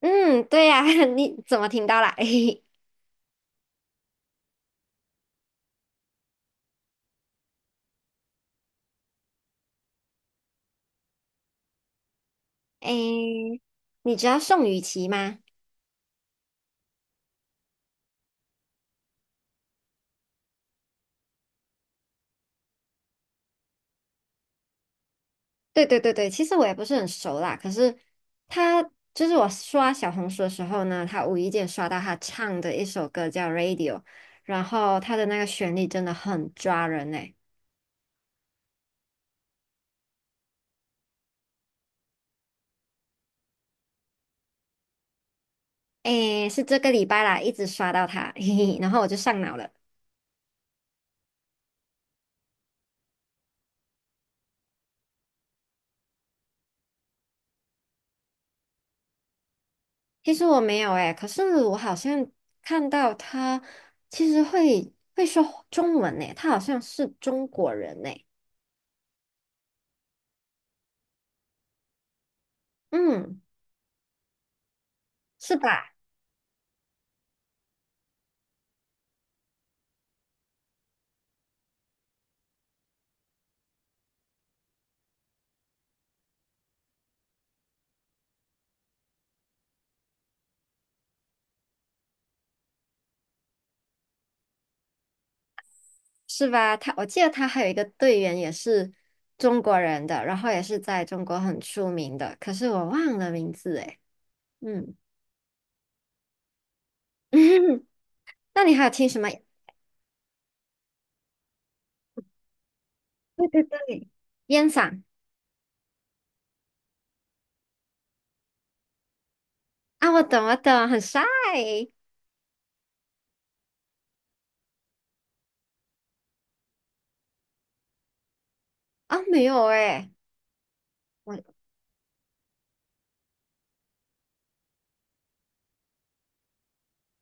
嗯，对呀、你怎么听到啦？诶，你知道宋雨琦吗？对对对对，其实我也不是很熟啦，可是他就是我刷小红书的时候呢，他无意间刷到他唱的一首歌叫《Radio》，然后他的那个旋律真的很抓人诶、诶，是这个礼拜啦，一直刷到他，嘿嘿，然后我就上脑了。其实我没有诶、可是我好像看到他其实会说中文诶、他好像是中国人诶、嗯，是吧？是吧？他，我记得他还有一个队员也是中国人的，然后也是在中国很出名的，可是我忘了名字诶。嗯，那你还有听什么？对对对，烟嗓啊，我懂我懂，很帅啊，没有诶，我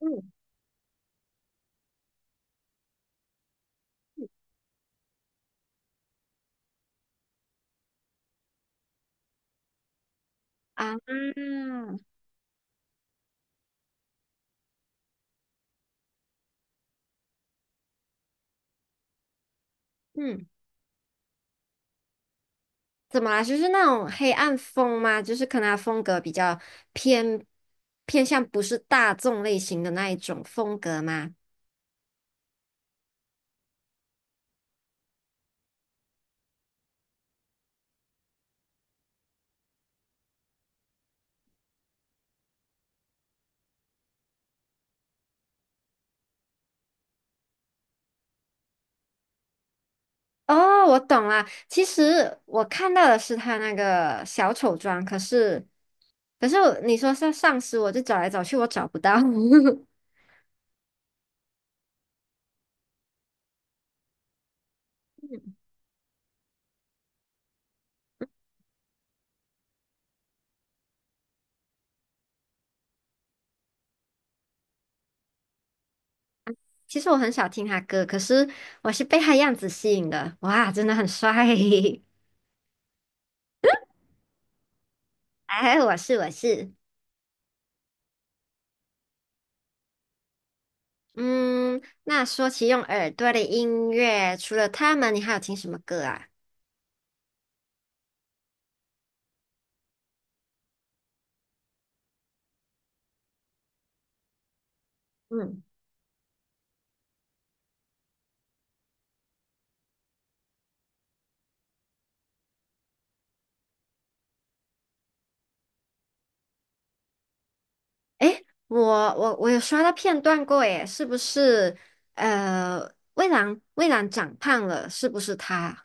嗯啊嗯，怎么啦？就是那种黑暗风吗？就是可能他风格比较偏偏向不是大众类型的那一种风格吗？哦，我懂了。其实我看到的是他那个小丑妆，可是，可是我你说是丧尸，我就找来找去，我找不到。其实我很少听他歌，可是我是被他样子吸引的。哇，真的很帅！哎，我是。嗯，那说起用耳朵的音乐，除了他们，你还有听什么歌啊？嗯，诶，我有刷到片段过，耶，是不是？呃，蔚蓝长胖了，是不是他？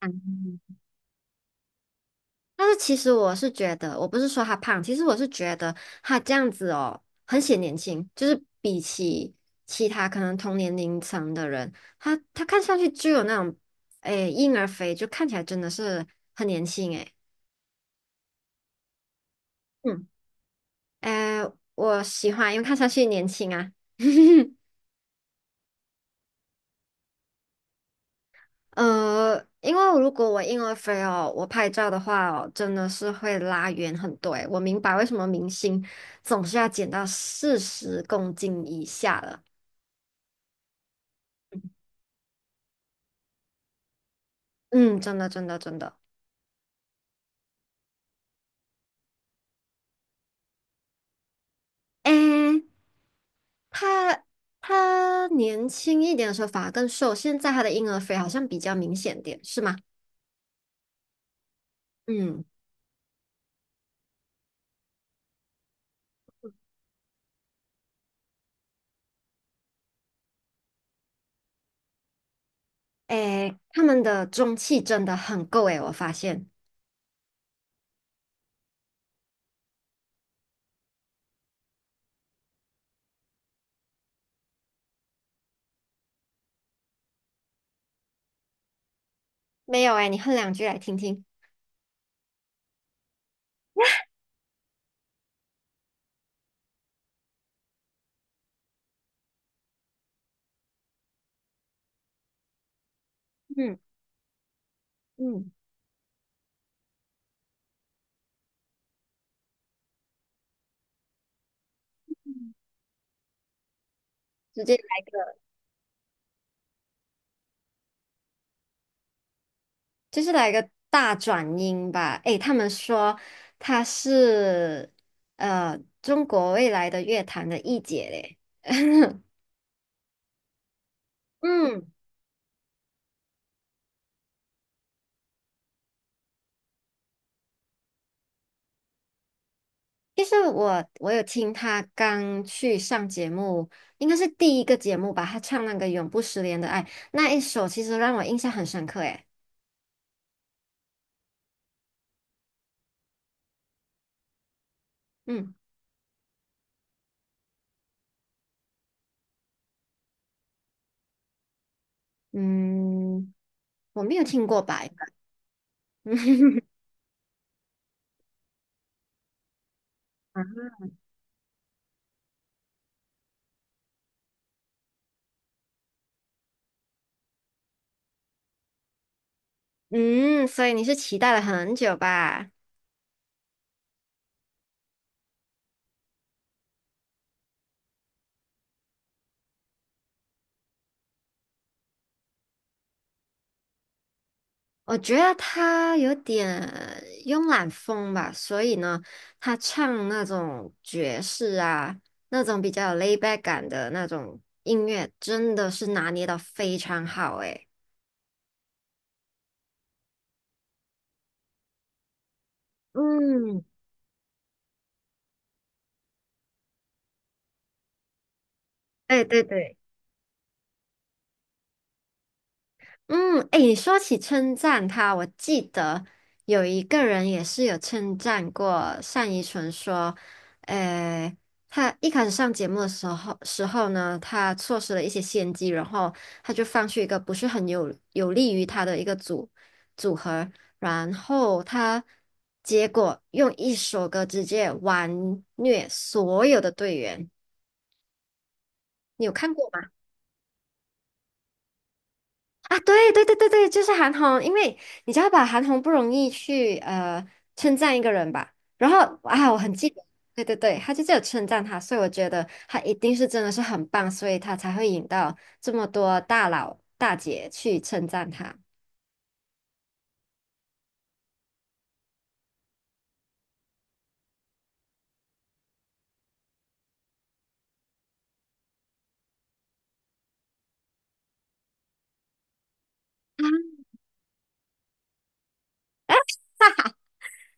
嗯，但是其实我是觉得，我不是说他胖，其实我是觉得他这样子哦，很显年轻，就是比起其他可能同年龄层的人，他看上去就有那种，诶，婴儿肥，就看起来真的是很年轻诶。嗯，诶，我喜欢，因为看上去年轻啊。呃，因为如果我婴儿肥哦，我拍照的话哦，真的是会拉远很多诶。我明白为什么明星总是要减到40公斤以下了。嗯，真的，真的，真的。诶，他他年轻一点的时候反而更瘦，现在他的婴儿肥好像比较明显点，是吗？嗯，诶，他们的中气真的很够诶，我发现。没有诶，你哼两句来听听。嗯嗯。直接。就是来个大转音吧。诶，他们说她是中国未来的乐坛的一姐嘞。嗯，其实我有听她刚去上节目，应该是第一个节目吧，她唱那个《永不失联的爱》那一首，其实让我印象很深刻。诶，嗯嗯，我没有听过吧？嗯，所以你是期待了很久吧？我觉得他有点慵懒风吧，所以呢，他唱那种爵士啊，那种比较有 l a i back 感的那种音乐，真的是拿捏的非常好诶。嗯，对对对。嗯，哎，你说起称赞他，我记得有一个人也是有称赞过单依纯，说，呃，他一开始上节目的时候呢，他错失了一些先机，然后他就放弃一个不是很有利于他的一个组合，然后他结果用一首歌直接完虐所有的队员，你有看过吗？啊，对对对对对，就是韩红，因为你知道吧，韩红不容易去称赞一个人吧，然后啊，我很记得，对对对，他就只有称赞他，所以我觉得他一定是真的是很棒，所以他才会引到这么多大佬大姐去称赞他。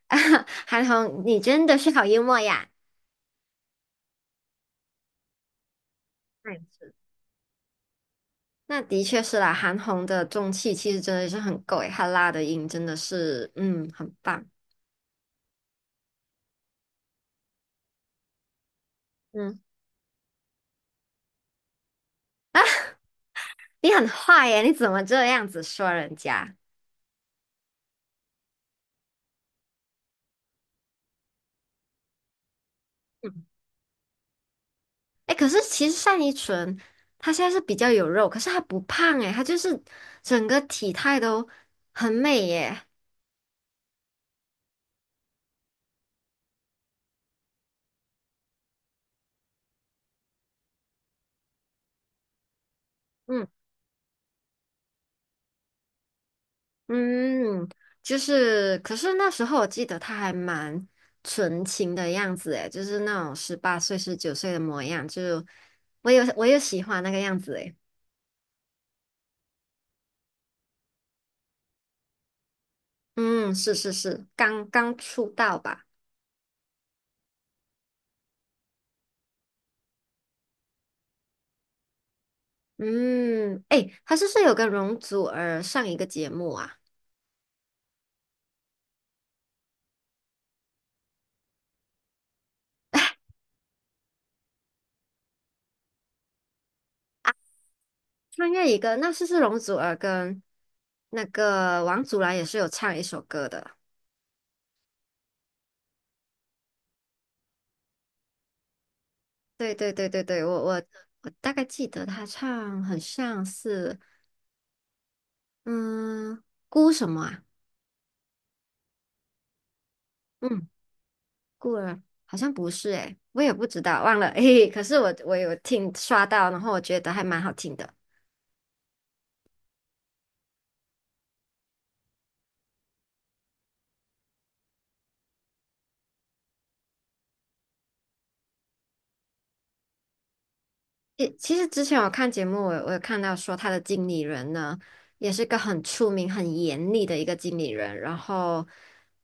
啊，韩红，你真的是好幽默呀 那也是，那的确是啦，韩红的中气其实真的是很够诶，她拉的音真的是，嗯，很棒。嗯，你很坏耶，你怎么这样子说人家？哎，可是其实单依纯她现在是比较有肉，可是她不胖哎，她就是整个体态都很美耶。嗯嗯，就是可是那时候我记得她还蛮纯情的样子哎，就是那种18岁、19岁的模样，就我有喜欢那个样子哎。嗯，是是是，刚刚出道吧。嗯，哎，她是不是有跟容祖儿上一个节目啊？穿越一个，那是容祖儿跟那个王祖蓝也是有唱一首歌的。对对对对对，我大概记得他唱很像是嗯孤什么啊？嗯，孤儿好像不是诶、我也不知道，忘了。嘿嘿可是我有听刷到，然后我觉得还蛮好听的。诶，其实之前我看节目，我有看到说他的经理人呢，也是个很出名、很严厉的一个经理人。然后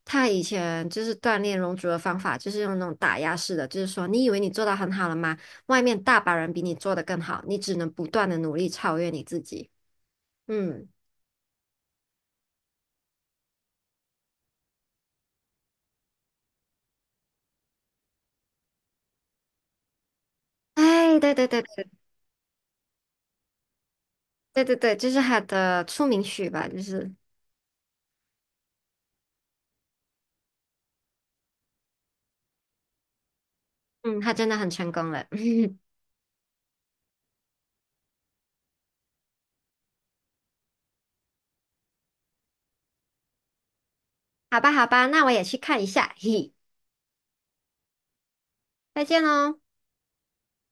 他以前就是锻炼容族的方法，就是用那种打压式的，就是说你以为你做到很好了吗？外面大把人比你做得更好，你只能不断的努力超越你自己。嗯，哎，对对对对对对对，就是他的出名曲吧，就是嗯，他真的很成功了。好吧好吧，那我也去看一下，嘿嘿，再见喽。